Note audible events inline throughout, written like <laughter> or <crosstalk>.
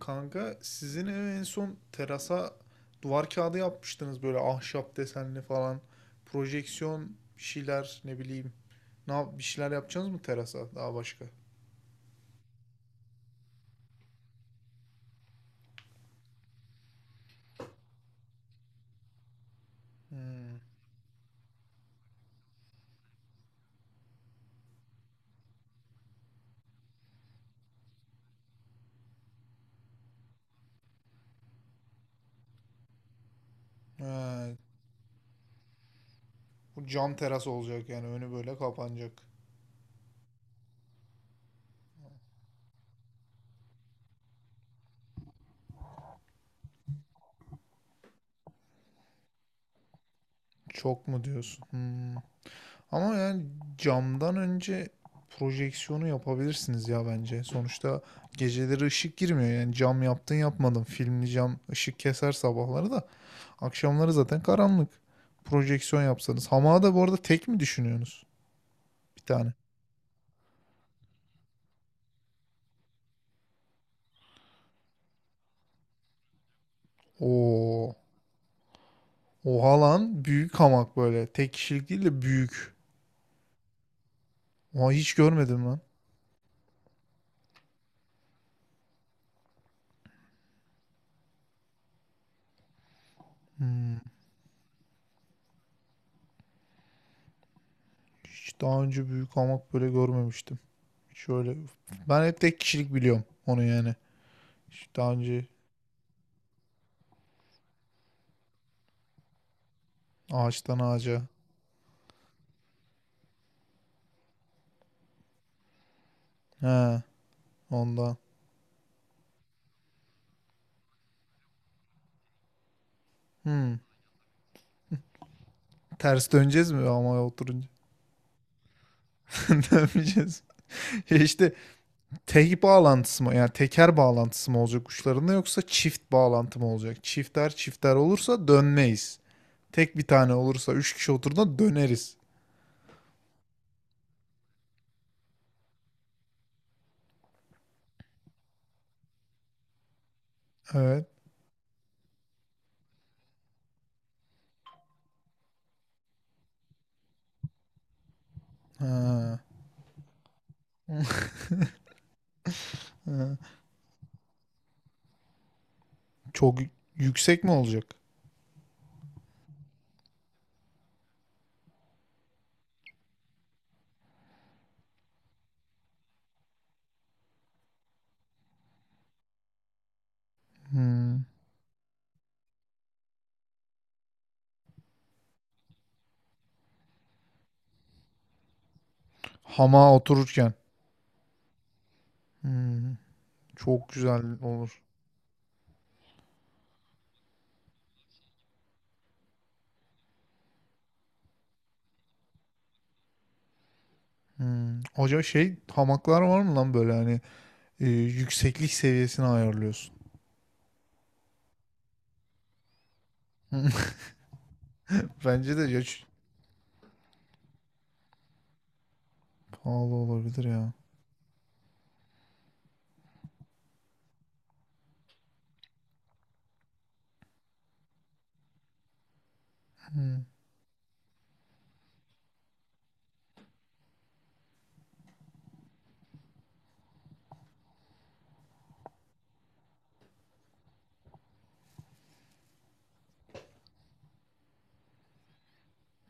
Kanka sizin ev en son terasa duvar kağıdı yapmıştınız böyle ahşap desenli falan. Projeksiyon bir şeyler ne bileyim. Bir şeyler yapacaksınız mı terasa daha başka? Hmm. Ha, bu cam teras olacak yani önü böyle kapanacak. Çok mu diyorsun? Hmm. Ama yani camdan önce projeksiyonu yapabilirsiniz ya bence. Sonuçta geceleri ışık girmiyor yani cam yaptın yapmadın. Filmli cam ışık keser sabahları da. Akşamları zaten karanlık. Projeksiyon yapsanız. Hamağı da bu arada tek mi düşünüyorsunuz? Bir tane. Oo. Oha lan. Büyük hamak böyle. Tek kişilik değil de büyük. Oha hiç görmedim lan. Hmm. Hiç daha önce büyük hamak böyle görmemiştim. Şöyle. Ben hep tek kişilik biliyorum onu yani. Hiç daha önce ağaçtan ağaca. He. Ondan. Hmm. Ters döneceğiz mi hamaya oturunca? <laughs> Dönmeyeceğiz. <laughs> Ya işte tek bağlantısı mı yani teker bağlantısı mı olacak uçlarında yoksa çift bağlantı mı olacak? Çifter çifter olursa dönmeyiz. Tek bir tane olursa üç kişi oturduğunda döneriz. Evet. Ha. <laughs> Çok yüksek mi olacak? Hmm. Hamağa otururken. Hmm. Çok güzel olur. Hmm. Acaba şey hamaklar var mı lan böyle hani yükseklik seviyesini ayarlıyorsun. <laughs> Bence de ya, pahalı olabilir ya. Hmm.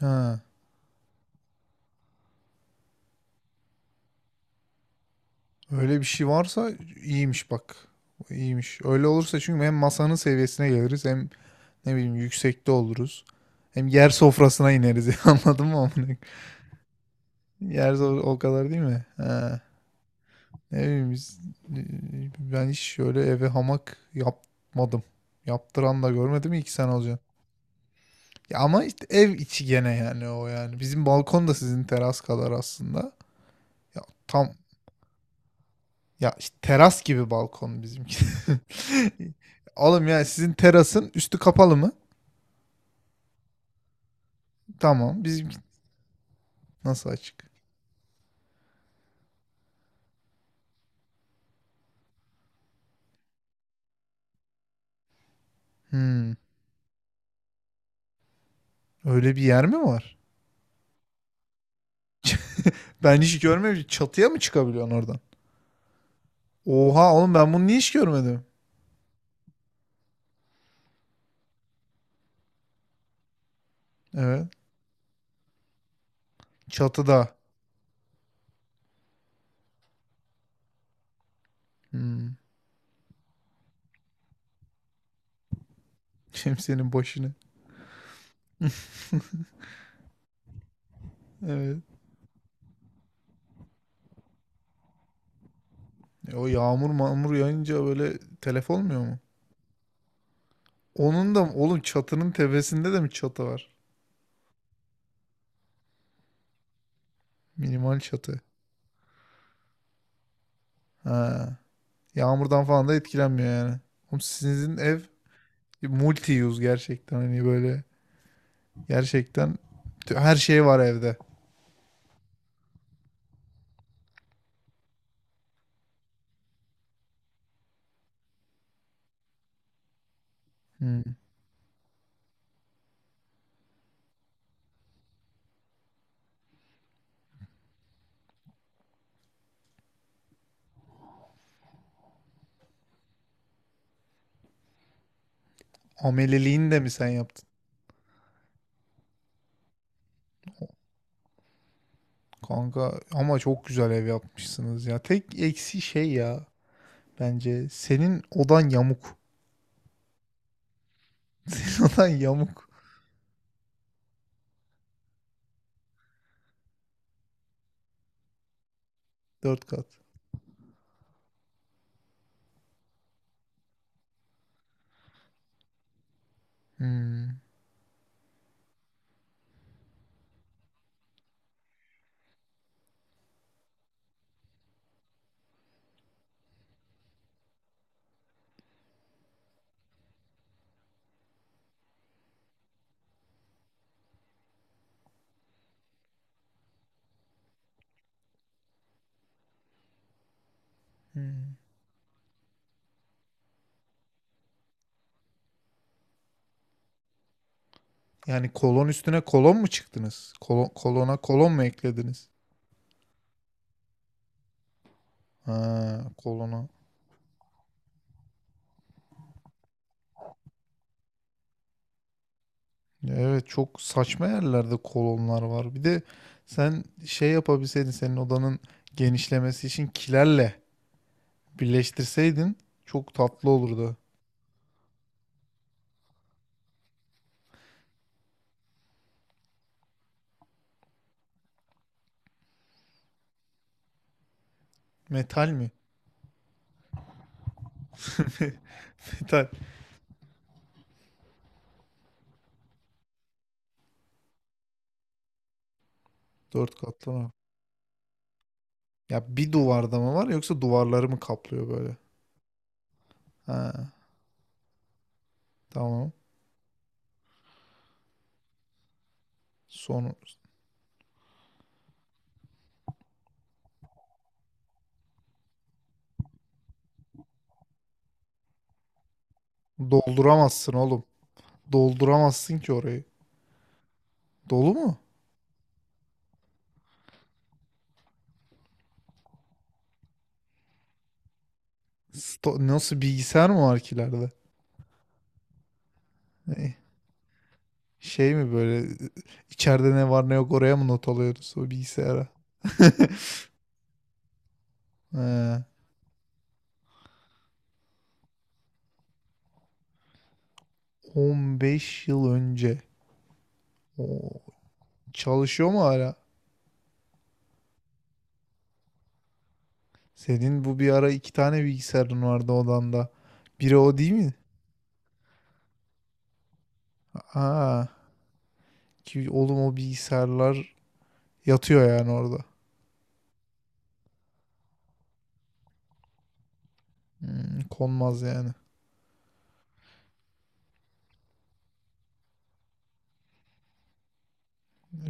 Ha. Öyle bir şey varsa iyiymiş bak. İyiymiş. Öyle olursa çünkü hem masanın seviyesine geliriz hem ne bileyim yüksekte oluruz. Hem yer sofrasına ineriz <laughs> anladın mı? <laughs> amına? Yer sofrası o kadar değil mi? Ha. Ne bileyim biz, ben hiç şöyle eve hamak yapmadım. Yaptıran da görmedim iki sene olacak. Ya ama işte ev içi gene yani o yani. Bizim balkon da sizin teras kadar aslında. Ya tam ya işte teras gibi balkon bizimki. <laughs> Oğlum yani sizin terasın üstü kapalı mı? Tamam. Nasıl açık? Hmm. Öyle bir yer mi var? Ben hiç görmemiştim. Çatıya mı çıkabiliyorsun oradan? Oha oğlum ben bunu niye hiç görmedim? Evet. Çatıda. Hmm. <laughs> Şemsiyenin başını. Evet. O yağmur mağmur yağınca böyle telef olmuyor mu? Onun da oğlum çatının tepesinde de mi çatı var? Minimal çatı. Ha. Yağmurdan falan da etkilenmiyor yani. Oğlum sizin ev multi use gerçekten hani böyle gerçekten her şey var evde. Hmm. Ameliliğini de mi sen yaptın? Kanka ama çok güzel ev yapmışsınız ya. Tek eksi şey ya bence senin odan yamuk. <laughs> Senin odan yamuk. Dört kat. Hmm. Hmm. Yani kolon üstüne kolon mu çıktınız? Kolon, kolona kolon mu eklediniz? Ha, kolona. Evet çok saçma yerlerde kolonlar var. Bir de sen şey yapabilseydin senin odanın genişlemesi için kilerle birleştirseydin çok tatlı olurdu. Metal mi? <laughs> Metal. Dört katlı mı? Ya bir duvarda mı var yoksa duvarları mı kaplıyor böyle? Ha, tamam. Son Dolduramazsın oğlum. Dolduramazsın ki orayı. Dolu mu? Nasıl bilgisayar mı var ki ileride? Ne? Şey mi böyle içeride ne var ne yok oraya mı not alıyoruz o bilgisayara? He. 15 yıl önce. Oo, çalışıyor mu hala? Senin bu bir ara iki tane bilgisayarın vardı odanda. Biri o değil mi? Aa, ki oğlum o bilgisayarlar yatıyor yani orada. Hmm, konmaz yani.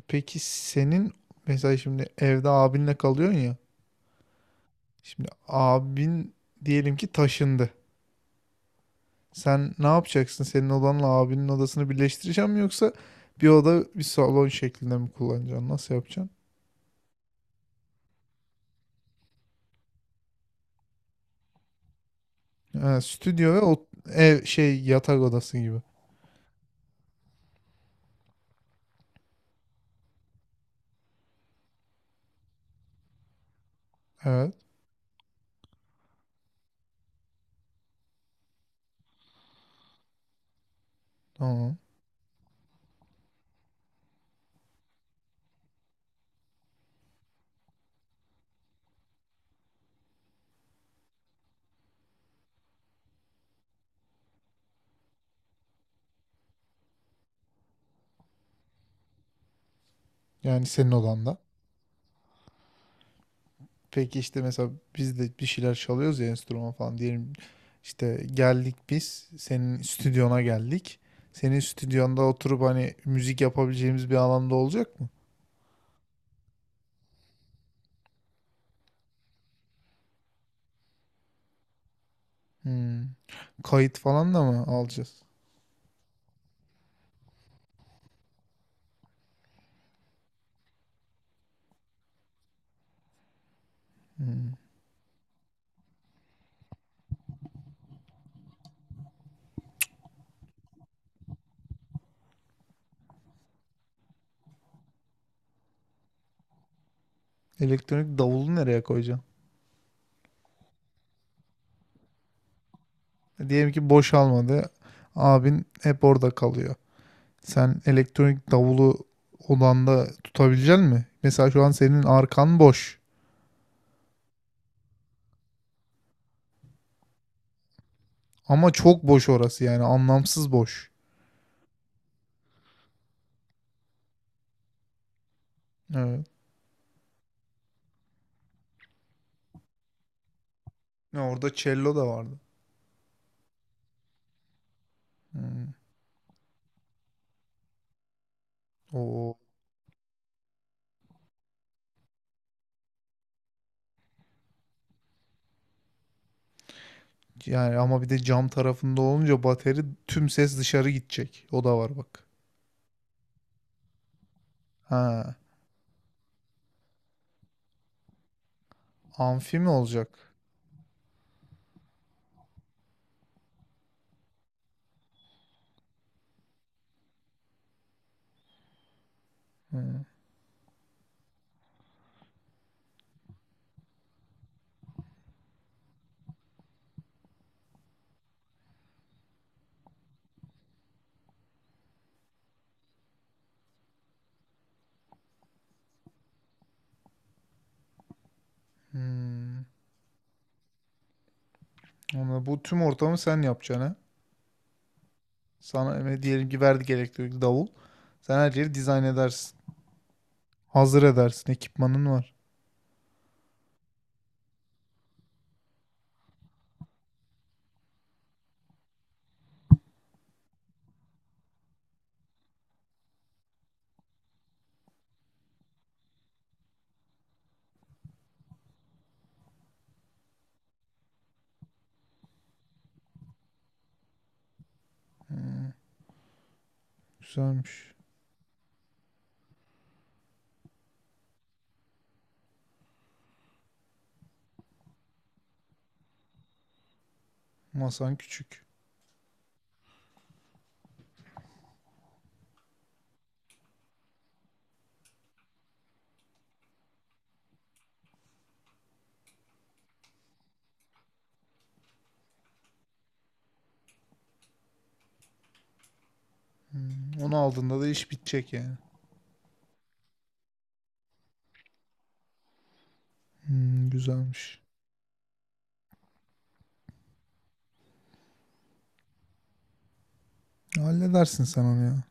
Peki senin mesela şimdi evde abinle kalıyorsun ya. Şimdi abin diyelim ki taşındı. Sen ne yapacaksın? Senin odanla abinin odasını birleştireceğim mi yoksa bir oda bir salon şeklinde mi kullanacaksın? Nasıl yapacaksın? Ha, stüdyo ve o ev şey yatak odası gibi. Evet. Tamam. Yani senin odanda. Peki işte mesela biz de bir şeyler çalıyoruz ya enstrüman falan diyelim işte geldik biz senin stüdyona geldik. Senin stüdyonda oturup hani müzik yapabileceğimiz bir alanda olacak mı? Hmm. Kayıt falan da mı alacağız? Hmm. Elektronik davulu nereye koyacaksın? Diyelim ki boş almadı. Abin hep orada kalıyor. Sen elektronik davulu odanda tutabilecek mi? Mesela şu an senin arkan boş. Ama çok boş orası yani anlamsız boş. Evet. Ne orada cello da vardı. Hmm. Oo. Yani ama bir de cam tarafında olunca bateri tüm ses dışarı gidecek. O da var bak. Ha. Amfi mi olacak? Hmm. Hmm. Ama bu tüm ortamı sen yapacaksın ha. Sana diyelim ki verdik elektrikli davul. Sen her yeri dizayn edersin. Hazır edersin. Ekipmanın var. Güzelmiş. Masan küçük. Onu aldığında da iş bitecek yani. Hmm, güzelmiş. Halledersin sen onu ya.